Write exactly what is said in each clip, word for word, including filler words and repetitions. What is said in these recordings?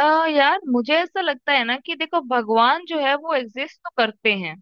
आ, यार मुझे ऐसा लगता है ना कि देखो भगवान जो है वो एग्जिस्ट तो करते हैं।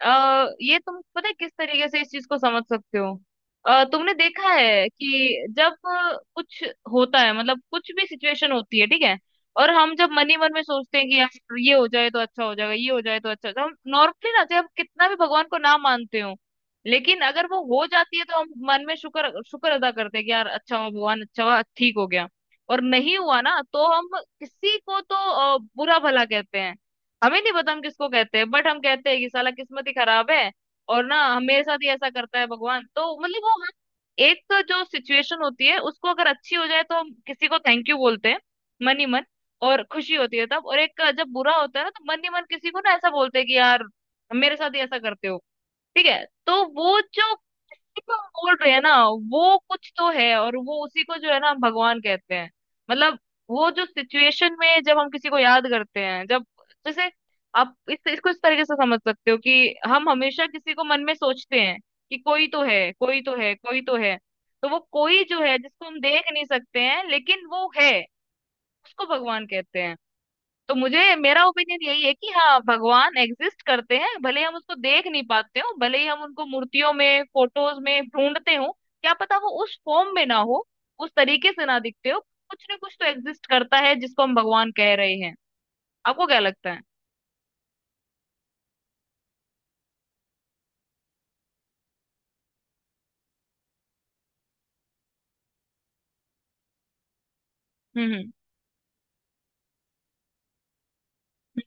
अ, ये तुम पता है किस तरीके से इस चीज को समझ सकते हो। अ, तुमने देखा है कि जब अ, कुछ होता है, मतलब कुछ भी सिचुएशन होती है, ठीक है। और हम जब मन ही मन में सोचते हैं कि यार ये हो जाए तो अच्छा हो जाएगा, ये हो जाए तो अच्छा हो जाएगा, हम नॉर्मली ना, चाहे हम कितना भी भगवान को ना मानते हो, लेकिन अगर वो हो जाती है तो हम मन में शुक्र शुक्र अदा करते हैं कि यार अच्छा हुआ, भगवान अच्छा हुआ, ठीक हो गया। और नहीं हुआ ना तो हम किसी को तो अ, बुरा भला कहते हैं। हमें नहीं पता हम किसको कहते हैं, बट हम कहते हैं कि साला किस्मत ही खराब है। और ना हम- मेरे साथ ही ऐसा करता है भगवान तो, मतलब वो हम एक जो सिचुएशन होती है उसको, अगर अच्छी हो जाए तो हम किसी को थैंक यू बोलते हैं मन ही मन, और खुशी होती है तब। और एक जब बुरा होता है ना तो मन ही मन किसी को ना ऐसा बोलते हैं कि यार मेरे साथ ही ऐसा करते हो, ठीक है। तो वो जो जो हम बोल रहे हैं ना वो कुछ तो है, और वो उसी को जो है ना हम भगवान कहते हैं। मतलब वो जो सिचुएशन में जब हम किसी को याद करते हैं, जब, जैसे, आप इस इसको इस तरीके से समझ सकते हो कि हम हमेशा किसी को मन में सोचते हैं कि कोई तो है, कोई तो है, कोई तो है। तो वो कोई जो है जिसको हम देख नहीं सकते हैं लेकिन वो है, उसको भगवान कहते हैं। तो मुझे, मेरा ओपिनियन यही है कि हाँ, भगवान एग्जिस्ट करते हैं, भले हम उसको देख नहीं पाते हो, भले ही हम उनको मूर्तियों में, फोटोज में ढूंढते हो, क्या पता वो उस फॉर्म में ना हो, उस तरीके से ना दिखते हो। कुछ ना कुछ तो एग्जिस्ट करता है जिसको हम भगवान कह रहे हैं। आपको क्या लगता है? हम्म हम्म हम्म,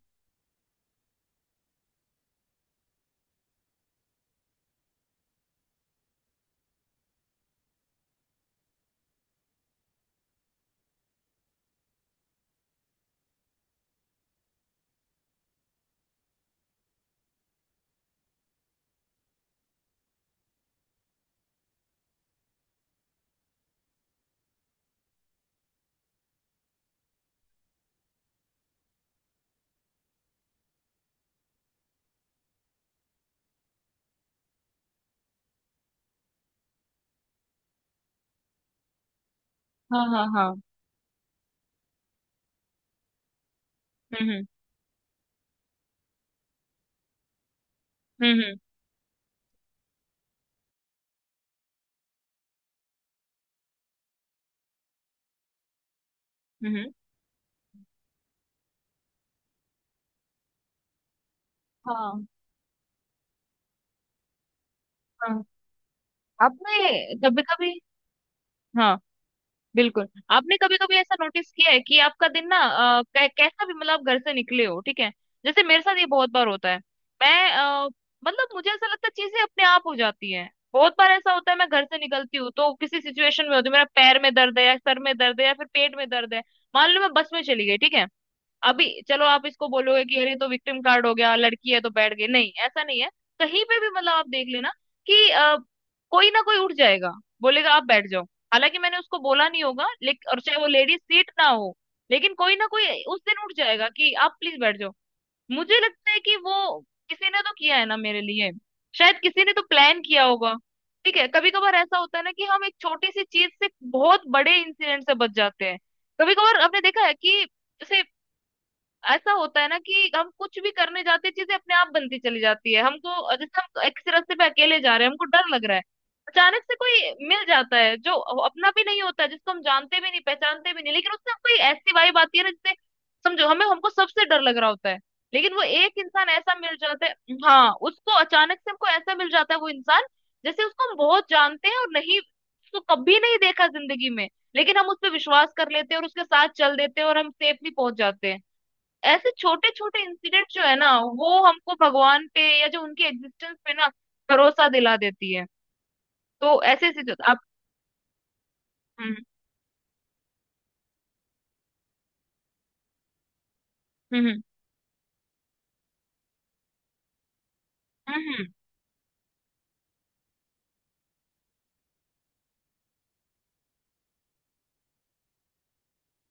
हाँ हाँ हाँ। हम्म हम्म हम्म हम्म हम्म, हाँ हाँ। आपने कभी कभी, हाँ, बिल्कुल। आपने कभी कभी ऐसा नोटिस किया है कि आपका दिन ना, अ, कै- कैसा भी, मतलब आप घर से निकले हो, ठीक है। जैसे मेरे साथ ये बहुत बार होता है। मैं अ, मतलब मुझे ऐसा लगता है चीजें अपने आप हो जाती हैं, बहुत बार ऐसा होता है। मैं घर से निकलती हूँ तो किसी सिचुएशन में होती है, मेरा पैर में दर्द है, या सर में दर्द है, या फिर पेट में दर्द है। मान लो मैं बस में चली गई, ठीक है। अभी चलो आप इसको बोलोगे कि अरे तो विक्टिम कार्ड हो गया, लड़की है तो बैठ गई, नहीं ऐसा नहीं है। कहीं पे भी, मतलब आप देख लेना कि अ, कोई ना कोई उठ जाएगा, बोलेगा आप बैठ जाओ। हालांकि मैंने उसको बोला नहीं होगा लेकिन, और चाहे वो लेडीज सीट ना हो, लेकिन कोई ना कोई उस दिन उठ जाएगा कि आप प्लीज बैठ जाओ। मुझे लगता है कि वो, किसी ने तो किया है ना मेरे लिए, शायद किसी ने तो प्लान किया होगा। ठीक है, कभी कभार ऐसा होता है ना कि हम एक छोटी सी चीज से बहुत बड़े इंसिडेंट से बच जाते हैं। कभी कभार आपने देखा है कि, जैसे, ऐसा होता है ना कि हम कुछ भी करने जाते हैं चीजें अपने आप बनती चली जाती है हमको। जैसे हम एक से रास्ते पे अकेले जा रहे हैं, हमको डर लग रहा है, अचानक से कोई मिल जाता है, जो अपना भी नहीं होता है, जिसको हम जानते भी नहीं, पहचानते भी नहीं, लेकिन उससे कोई ऐसी वाइब आती है ना जिससे, समझो, हमें, हमको सबसे डर लग रहा होता है लेकिन वो एक इंसान ऐसा मिल जाता है, हाँ, उसको अचानक से हमको ऐसा मिल जाता है वो इंसान, जैसे उसको हम बहुत जानते हैं, और नहीं, उसको कभी नहीं देखा जिंदगी में, लेकिन हम उस पर विश्वास कर लेते हैं और उसके साथ चल देते हैं और हम सेफली पहुंच जाते हैं। ऐसे छोटे छोटे इंसिडेंट जो है ना, वो हमको भगवान पे या जो उनके एग्जिस्टेंस पे ना भरोसा दिला देती है। तो ऐसे ऐसे जो आप, हम्म हम्म हम्म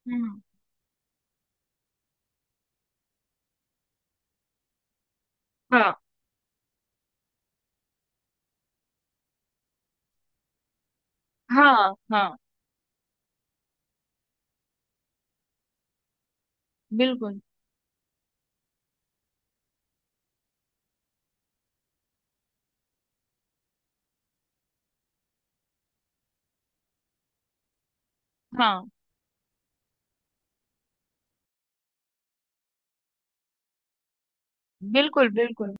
हम्म हम्म, हाँ हाँ हाँ, बिल्कुल, हाँ, बिल्कुल बिल्कुल।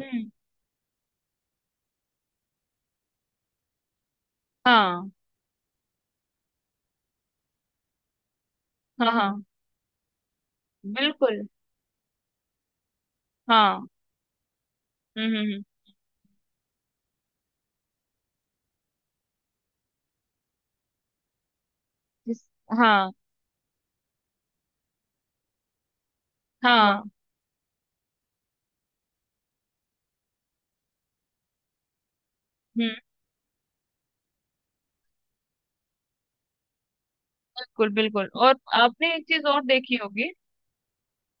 हम्म। हाँ हाँ हाँ, बिल्कुल, हाँ। हम्म हम्म हम्म, जिस- हाँ हाँ। हम्म, बिल्कुल बिल्कुल। और आपने एक चीज और देखी होगी,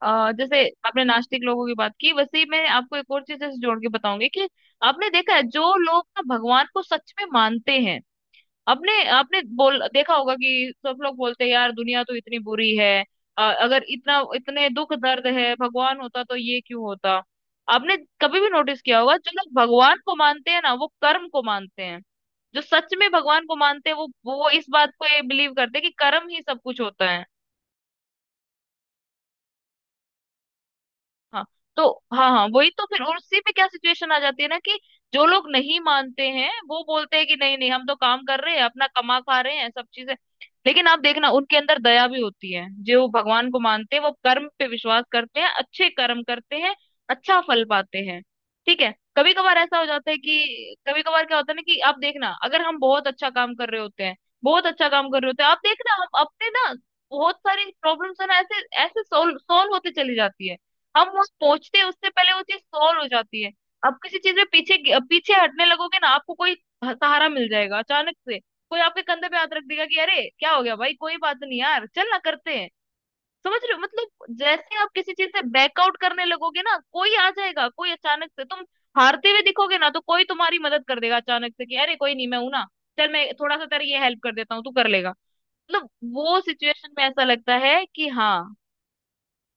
अ, जैसे, आपने नास्तिक लोगों की बात की, वैसे ही मैं आपको एक और चीज जैसे जोड़ के बताऊंगी कि, आपने देखा है जो लोग ना भगवान को सच में मानते हैं, आपने आपने बोल देखा होगा कि सब लोग बोलते हैं यार दुनिया तो इतनी बुरी है, अ, अगर इतना, इतने दुख दर्द है, भगवान होता तो ये क्यों होता। आपने कभी भी नोटिस किया होगा जो लोग भगवान को मानते हैं ना वो कर्म को मानते हैं। जो सच में भगवान को मानते हैं वो वो इस बात को, ये बिलीव करते हैं कि कर्म ही सब कुछ होता है। हाँ, तो, हाँ हाँ, वही तो। फिर और उसी पे क्या सिचुएशन आ जाती है ना कि जो लोग नहीं मानते हैं वो बोलते हैं कि नहीं नहीं हम तो काम कर रहे हैं, अपना कमा खा रहे हैं, सब चीजें। लेकिन आप देखना उनके अंदर दया भी होती है। जो भगवान को मानते हैं वो कर्म पे विश्वास करते हैं, अच्छे कर्म करते हैं, अच्छा फल पाते हैं। ठीक है, कभी कभार ऐसा हो जाता है कि, कभी कभार क्या होता है ना कि, आप देखना अगर हम बहुत अच्छा काम कर रहे होते हैं, बहुत अच्छा काम कर रहे होते हैं, आप देखना हम अपने ना बहुत सारी प्रॉब्लम्स है ना, ऐसे ऐसे सोल्व सोल्व होते चली जाती है, हम वो पहुंचते हैं उससे पहले वो चीज सॉल्व हो जाती है। आप किसी चीज में पीछे पीछे हटने लगोगे ना, आपको कोई सहारा मिल जाएगा, अचानक से कोई आपके कंधे पे हाथ रख देगा कि अरे क्या हो गया भाई, कोई बात नहीं यार, चल ना करते हैं। समझ रहे हो, मतलब, जैसे आप किसी चीज से बैकआउट करने लगोगे ना कोई आ जाएगा, कोई अचानक से, तुम हारते हुए दिखोगे ना तो कोई तुम्हारी मदद कर देगा अचानक से कि अरे कोई नहीं, मैं हूं ना, चल मैं थोड़ा सा तेरी ये हेल्प कर देता हूँ, तू कर लेगा। मतलब वो सिचुएशन में ऐसा लगता है कि हाँ,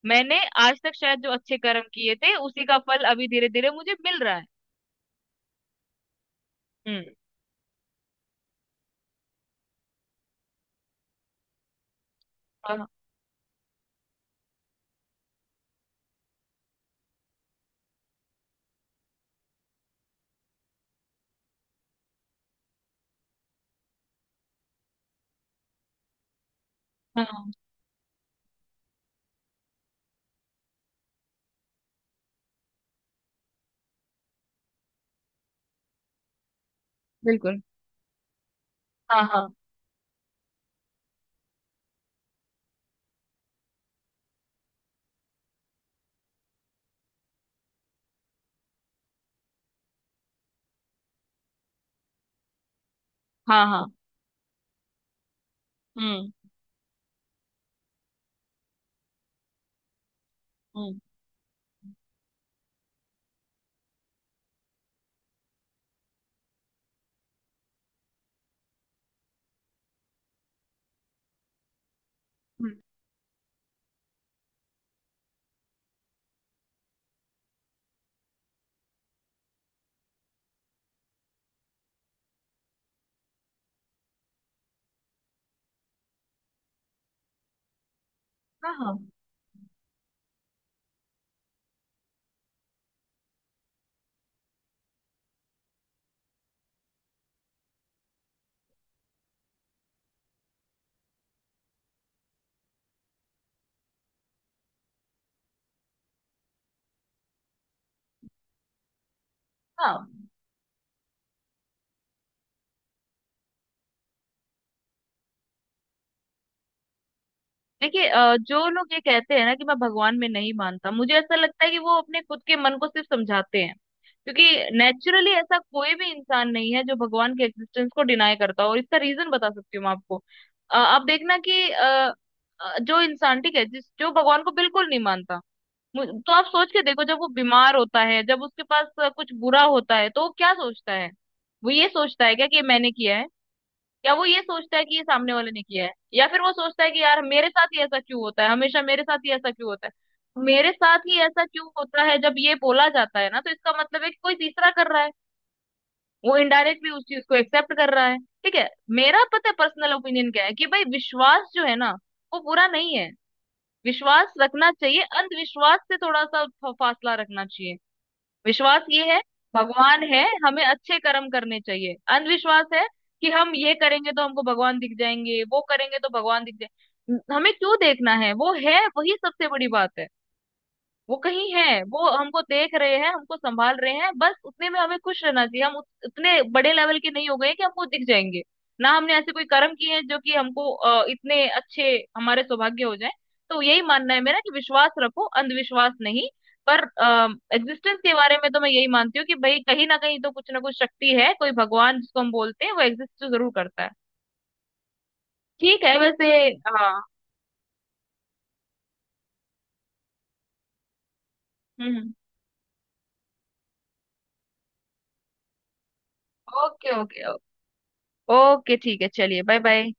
मैंने आज तक शायद जो अच्छे कर्म किए थे उसी का फल अभी धीरे धीरे मुझे मिल रहा है। हम्म, हाँ हाँ, बिल्कुल, हाँ हाँ हाँ हाँ। हम्म हम्म हम्म। हाँ हाँ हाँ। देखिए, अ, जो लोग ये कहते हैं ना कि मैं भगवान में नहीं मानता, मुझे ऐसा लगता है कि वो अपने खुद के मन को सिर्फ समझाते हैं, क्योंकि नेचुरली ऐसा कोई भी इंसान नहीं है जो भगवान के एग्जिस्टेंस को डिनाई करता हो, और इसका रीजन बता सकती हूँ मैं आपको। अ, आप देखना कि अ, अ, जो इंसान, ठीक है, जिस जो भगवान को बिल्कुल नहीं मानता, मु- तो आप सोच के देखो जब वो बीमार होता है, जब उसके पास अ, कुछ बुरा होता है, तो वो क्या सोचता है? वो ये सोचता है क्या कि ये मैंने किया है, या वो ये सोचता है कि ये सामने वाले ने किया है, या फिर वो सोचता है कि यार मेरे साथ ही ऐसा क्यों होता है, हमेशा मेरे साथ ही ऐसा क्यों होता है, मेरे साथ ही ऐसा क्यों होता है? जब ये बोला जाता है ना तो इसका मतलब है कि कोई तीसरा कर रहा है। वो इनडायरेक्टली उस चीज को एक्सेप्ट कर रहा है। ठीक है, मेरा पता है पर्सनल ओपिनियन क्या है, कि भाई विश्वास जो है ना, वो बुरा नहीं है। विश्वास रखना चाहिए, अंधविश्वास से थोड़ा सा फ- फासला रखना चाहिए। विश्वास ये है भगवान है, हमें अच्छे कर्म करने चाहिए। अंधविश्वास है कि हम ये करेंगे तो हमको भगवान दिख जाएंगे, वो करेंगे तो भगवान दिख जाए, हमें क्यों देखना है? वो है, वही सबसे बड़ी बात है। वो कहीं है, वो हमको देख रहे हैं, हमको संभाल रहे हैं, बस उतने में हमें खुश रहना चाहिए। हम उत- उतने बड़े लेवल के नहीं हो गए कि हमको दिख जाएंगे, ना हमने ऐसे कोई कर्म किए हैं जो कि हमको अ, इतने अच्छे, हमारे सौभाग्य हो जाए। तो यही मानना है मेरा, कि विश्वास रखो, अंधविश्वास नहीं। पर एग्जिस्टेंस के बारे में तो मैं यही मानती हूँ कि भाई कहीं ना कहीं तो कुछ ना कुछ शक्ति है, कोई भगवान जिसको हम बोलते हैं वो एग्जिस्ट तो जरूर करता है। ठीक है, वैसे, हाँ। हम्म। Okay okay. ओके ठीक है, चलिए बाय बाय।